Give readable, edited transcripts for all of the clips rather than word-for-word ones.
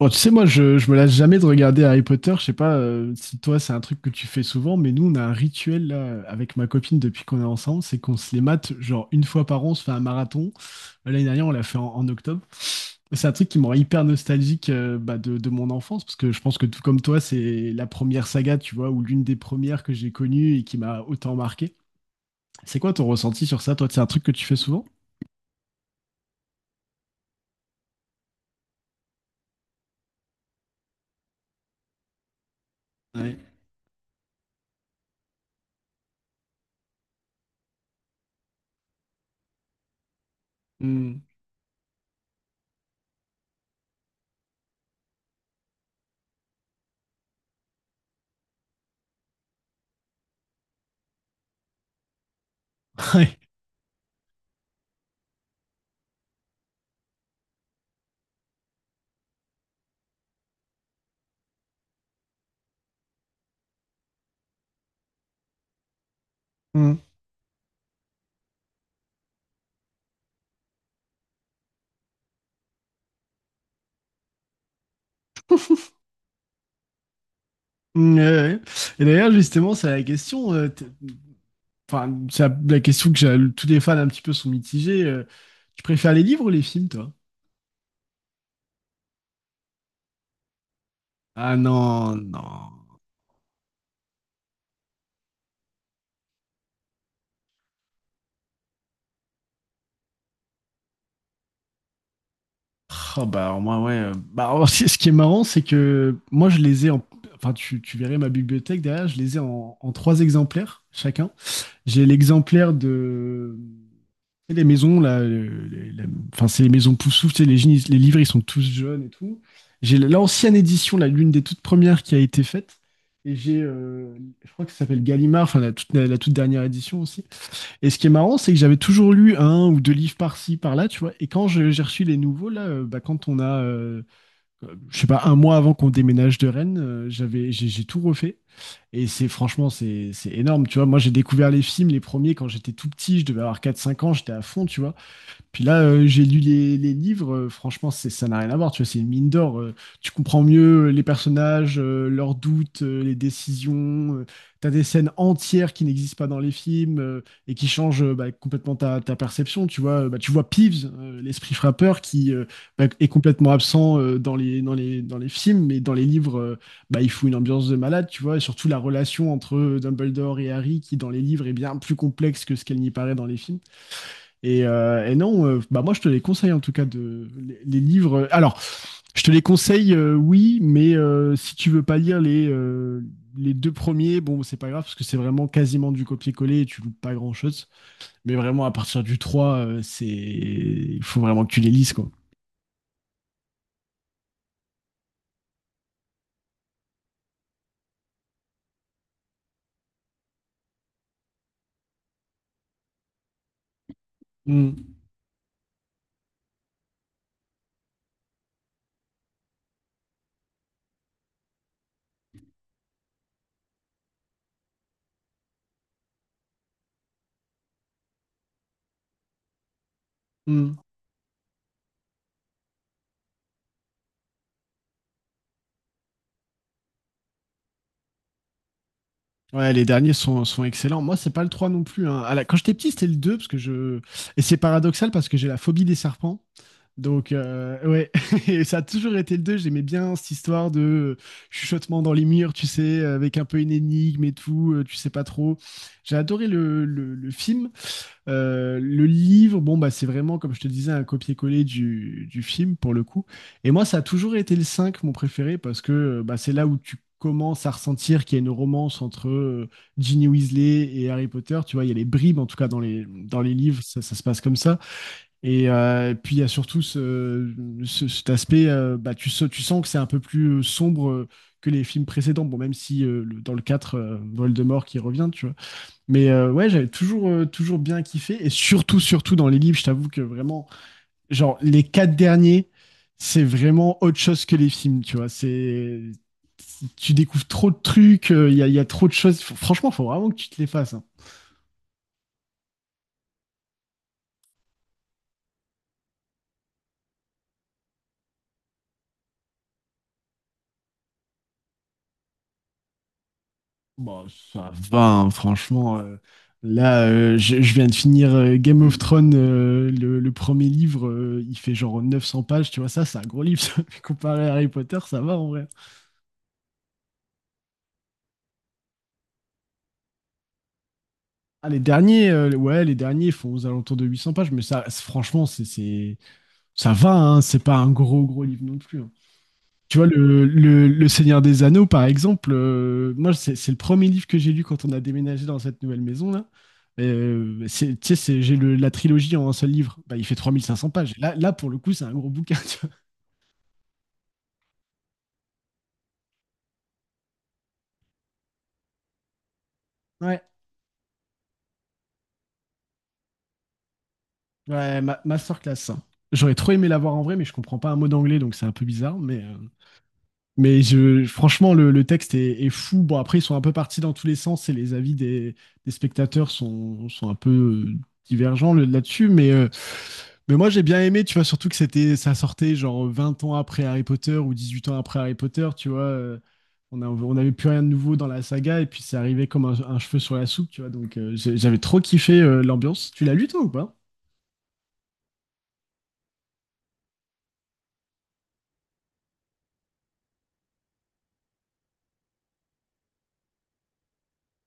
Bon, tu sais, moi, je me lasse jamais de regarder Harry Potter. Je sais pas si toi, c'est un truc que tu fais souvent, mais nous, on a un rituel là, avec ma copine depuis qu'on est ensemble, c'est qu'on se les mate, genre une fois par an, on se fait un marathon. L'année dernière, on l'a fait en octobre. Et c'est un truc qui me rend hyper nostalgique bah, de mon enfance, parce que je pense que tout comme toi, c'est la première saga, tu vois, ou l'une des premières que j'ai connues et qui m'a autant marqué. C'est quoi ton ressenti sur ça, toi? C'est un truc que tu fais souvent? Ouais. Mm. Ouais. Mm. Mm, ouais, ouais. Et d'ailleurs, justement, c'est la question. Enfin, c'est la question tous les fans un petit peu sont mitigés. Tu préfères les livres ou les films, toi? Ah non, non. Oh, bah, alors, moi, ouais. Bah, alors, ce qui est marrant, c'est que moi, je les ai en. Enfin, tu verrais ma bibliothèque derrière, je les ai en trois exemplaires chacun. J'ai l'exemplaire de. Et les maisons, là, enfin, c'est les maisons poussouf, tu sais, les livres, ils sont tous jeunes et tout. J'ai l'ancienne édition, là, l'une des toutes premières qui a été faite. Et j'ai, je crois que ça s'appelle Gallimard, enfin, la toute dernière édition aussi. Et ce qui est marrant, c'est que j'avais toujours lu un ou deux livres par-ci, par-là, tu vois. Et quand j'ai reçu les nouveaux, là, bah, quand on a, je sais pas, un mois avant qu'on déménage de Rennes, j'ai tout refait. Et c'est franchement, c'est énorme, tu vois. Moi, j'ai découvert les films, les premiers, quand j'étais tout petit, je devais avoir quatre cinq ans, j'étais à fond, tu vois. Puis là, j'ai lu les livres, franchement, c'est, ça n'a rien à voir, tu vois, c'est une mine d'or. Tu comprends mieux les personnages, leurs doutes, les décisions. Tu as des scènes entières qui n'existent pas dans les films et qui changent bah, complètement ta perception, tu vois. Bah, tu vois Peeves, l'esprit frappeur, qui bah, est complètement absent dans les films, mais dans les livres, bah, il faut une ambiance de malade, tu vois, et surtout la relation entre Dumbledore et Harry, qui dans les livres est bien plus complexe que ce qu'elle n'y paraît dans les films. Et non, bah moi je te les conseille en tout cas de les livres. Alors, je te les conseille, oui, mais si tu veux pas lire les deux premiers, bon c'est pas grave parce que c'est vraiment quasiment du copier-coller et tu loupes pas grand-chose. Mais vraiment à partir du 3, c'est il faut vraiment que tu les lises quoi. Mm. Mm. Ouais, les derniers sont excellents. Moi, c'est pas le 3 non plus, hein. Quand j'étais petit, c'était le 2 parce que je et c'est paradoxal parce que j'ai la phobie des serpents. Donc, ouais, et ça a toujours été le 2. J'aimais bien cette histoire de chuchotement dans les murs, tu sais, avec un peu une énigme et tout, tu sais pas trop. J'ai adoré le film. Le livre, bon, bah, c'est vraiment, comme je te disais, un copier-coller du film pour le coup. Et moi, ça a toujours été le 5 mon préféré, parce que bah, c'est là où tu commences à ressentir qu'il y a une romance entre Ginny Weasley et Harry Potter. Tu vois, il y a les bribes, en tout cas, dans les livres, ça se passe comme ça. Et puis il y a surtout ce, cet aspect, bah, tu sens que c'est un peu plus sombre que les films précédents, bon, même si dans le 4, Voldemort qui revient, tu vois. Mais ouais, j'avais toujours bien kiffé, et surtout, surtout dans les livres, je t'avoue que vraiment, genre les quatre derniers, c'est vraiment autre chose que les films, tu vois. C'est, tu découvres trop de trucs, il y a trop de choses. Franchement, faut vraiment que tu te les fasses, hein. Bon, ça va, hein, franchement. Là, je viens de finir Game of Thrones, le premier livre, il fait genre 900 pages, tu vois, ça, c'est un gros livre, ça. Comparé à Harry Potter, ça va en vrai. Ah, les derniers, ouais, les derniers font aux alentours de 800 pages, mais ça, franchement, ça va, hein, c'est pas un gros, gros livre non plus, hein. Tu vois, le Seigneur des Anneaux, par exemple, moi, c'est le premier livre que j'ai lu quand on a déménagé dans cette nouvelle maison-là. Tu sais, j'ai la trilogie en un seul livre. Bah, il fait 3 500 pages. Là, là, pour le coup, c'est un gros bouquin. Tu vois. Ouais, ouais, masterclass, hein. J'aurais trop aimé l'avoir en vrai, mais je comprends pas un mot d'anglais, donc c'est un peu bizarre. Mais franchement, le texte est fou. Bon, après, ils sont un peu partis dans tous les sens et les avis des spectateurs sont un peu euh, divergents là-dessus. Mais moi, j'ai bien aimé, tu vois, surtout que ça sortait genre 20 ans après Harry Potter ou 18 ans après Harry Potter, tu vois. On on n'avait plus rien de nouveau dans la saga et puis c'est arrivé comme un cheveu sur la soupe, tu vois. Donc, j'avais trop kiffé l'ambiance. Tu l'as lu, toi, ou pas?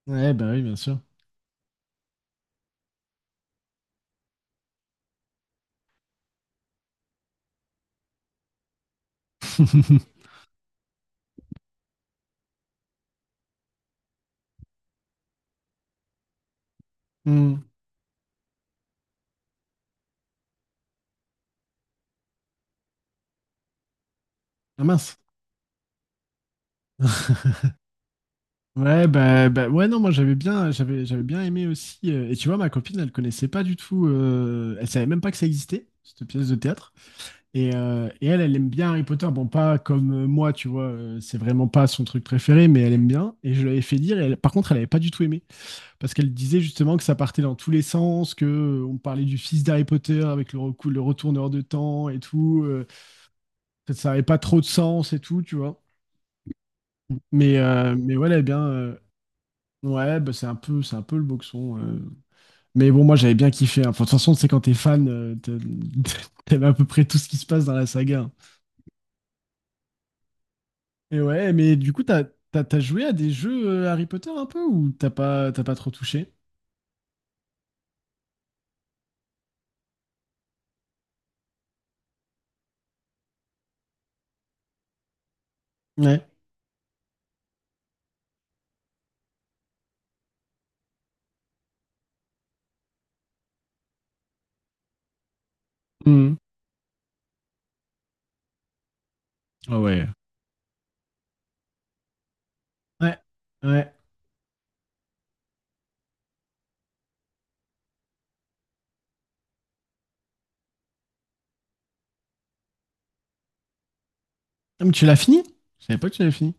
Ouais, bah oui, bien sûr. Hmm. Ah mince. Ouais, bah, bah, ouais, non, moi j'avais bien aimé aussi. Et tu vois, ma copine, elle connaissait pas du tout, elle savait même pas que ça existait, cette pièce de théâtre. Et elle, elle aime bien Harry Potter. Bon, pas comme moi, tu vois, c'est vraiment pas son truc préféré, mais elle aime bien. Et je l'avais fait dire, et par contre, elle avait pas du tout aimé. Parce qu'elle disait justement que ça partait dans tous les sens, que on parlait du fils d'Harry Potter avec le retourneur de temps et tout. Ça n'avait pas trop de sens et tout, tu vois. Mais ouais, elle aime bien. Ouais, bah c'est un peu le boxon. Mais bon, moi j'avais bien kiffé, hein. Enfin, de toute façon, c'est quand t'es fan, t'aimes à peu près tout ce qui se passe dans la saga, hein. Et ouais, mais du coup, t'as joué à des jeux Harry Potter un peu ou t'as pas trop touché? Ouais. Mhm. Ah ouais. Ouais. Ouais. Ah, mais tu l'as fini? Je savais pas que tu l'avais fini.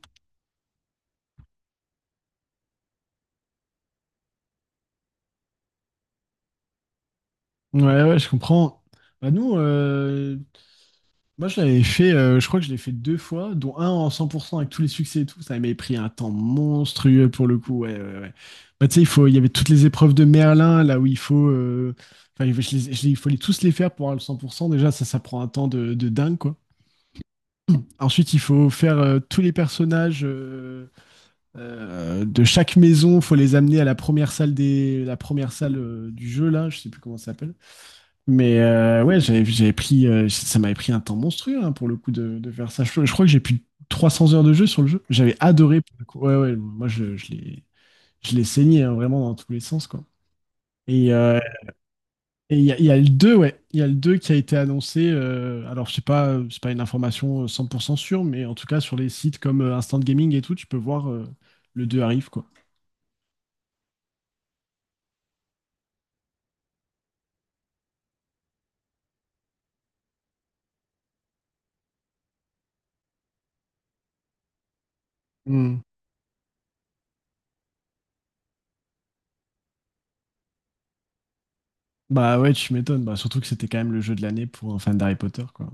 Ouais, ouais, je comprends. Bah nous, euh, Moi, je l'avais fait, je crois que je l'ai fait deux fois, dont un en 100% avec tous les succès et tout. Ça m'avait pris un temps monstrueux pour le coup. Ouais, ouais, ouais. Bah, tu sais, il faut, il y avait toutes les épreuves de Merlin, là où il faut, enfin, il faut les tous les faire pour avoir le 100%. Déjà, ça prend un temps de dingue, quoi. Ensuite, il faut faire tous les personnages de chaque maison. Il faut les amener à la première salle du jeu, là. Je sais plus comment ça s'appelle. Mais ouais, ça m'avait pris un temps monstrueux, hein, pour le coup de faire ça. Je crois que j'ai plus de 300 heures de jeu sur le jeu. J'avais adoré, pour le coup. Ouais, ouais, moi je l'ai saigné, hein, vraiment dans tous les sens quoi. Et euh, et il y a le deux, ouais, il y a le 2 qui a été annoncé. Alors je sais pas, c'est pas une information 100% sûre, mais en tout cas sur les sites comme Instant Gaming et tout, tu peux voir le 2 arrive quoi. Hmm. Bah ouais, tu m'étonnes. Bah, surtout que c'était quand même le jeu de l'année pour un fan d'Harry Potter, quoi.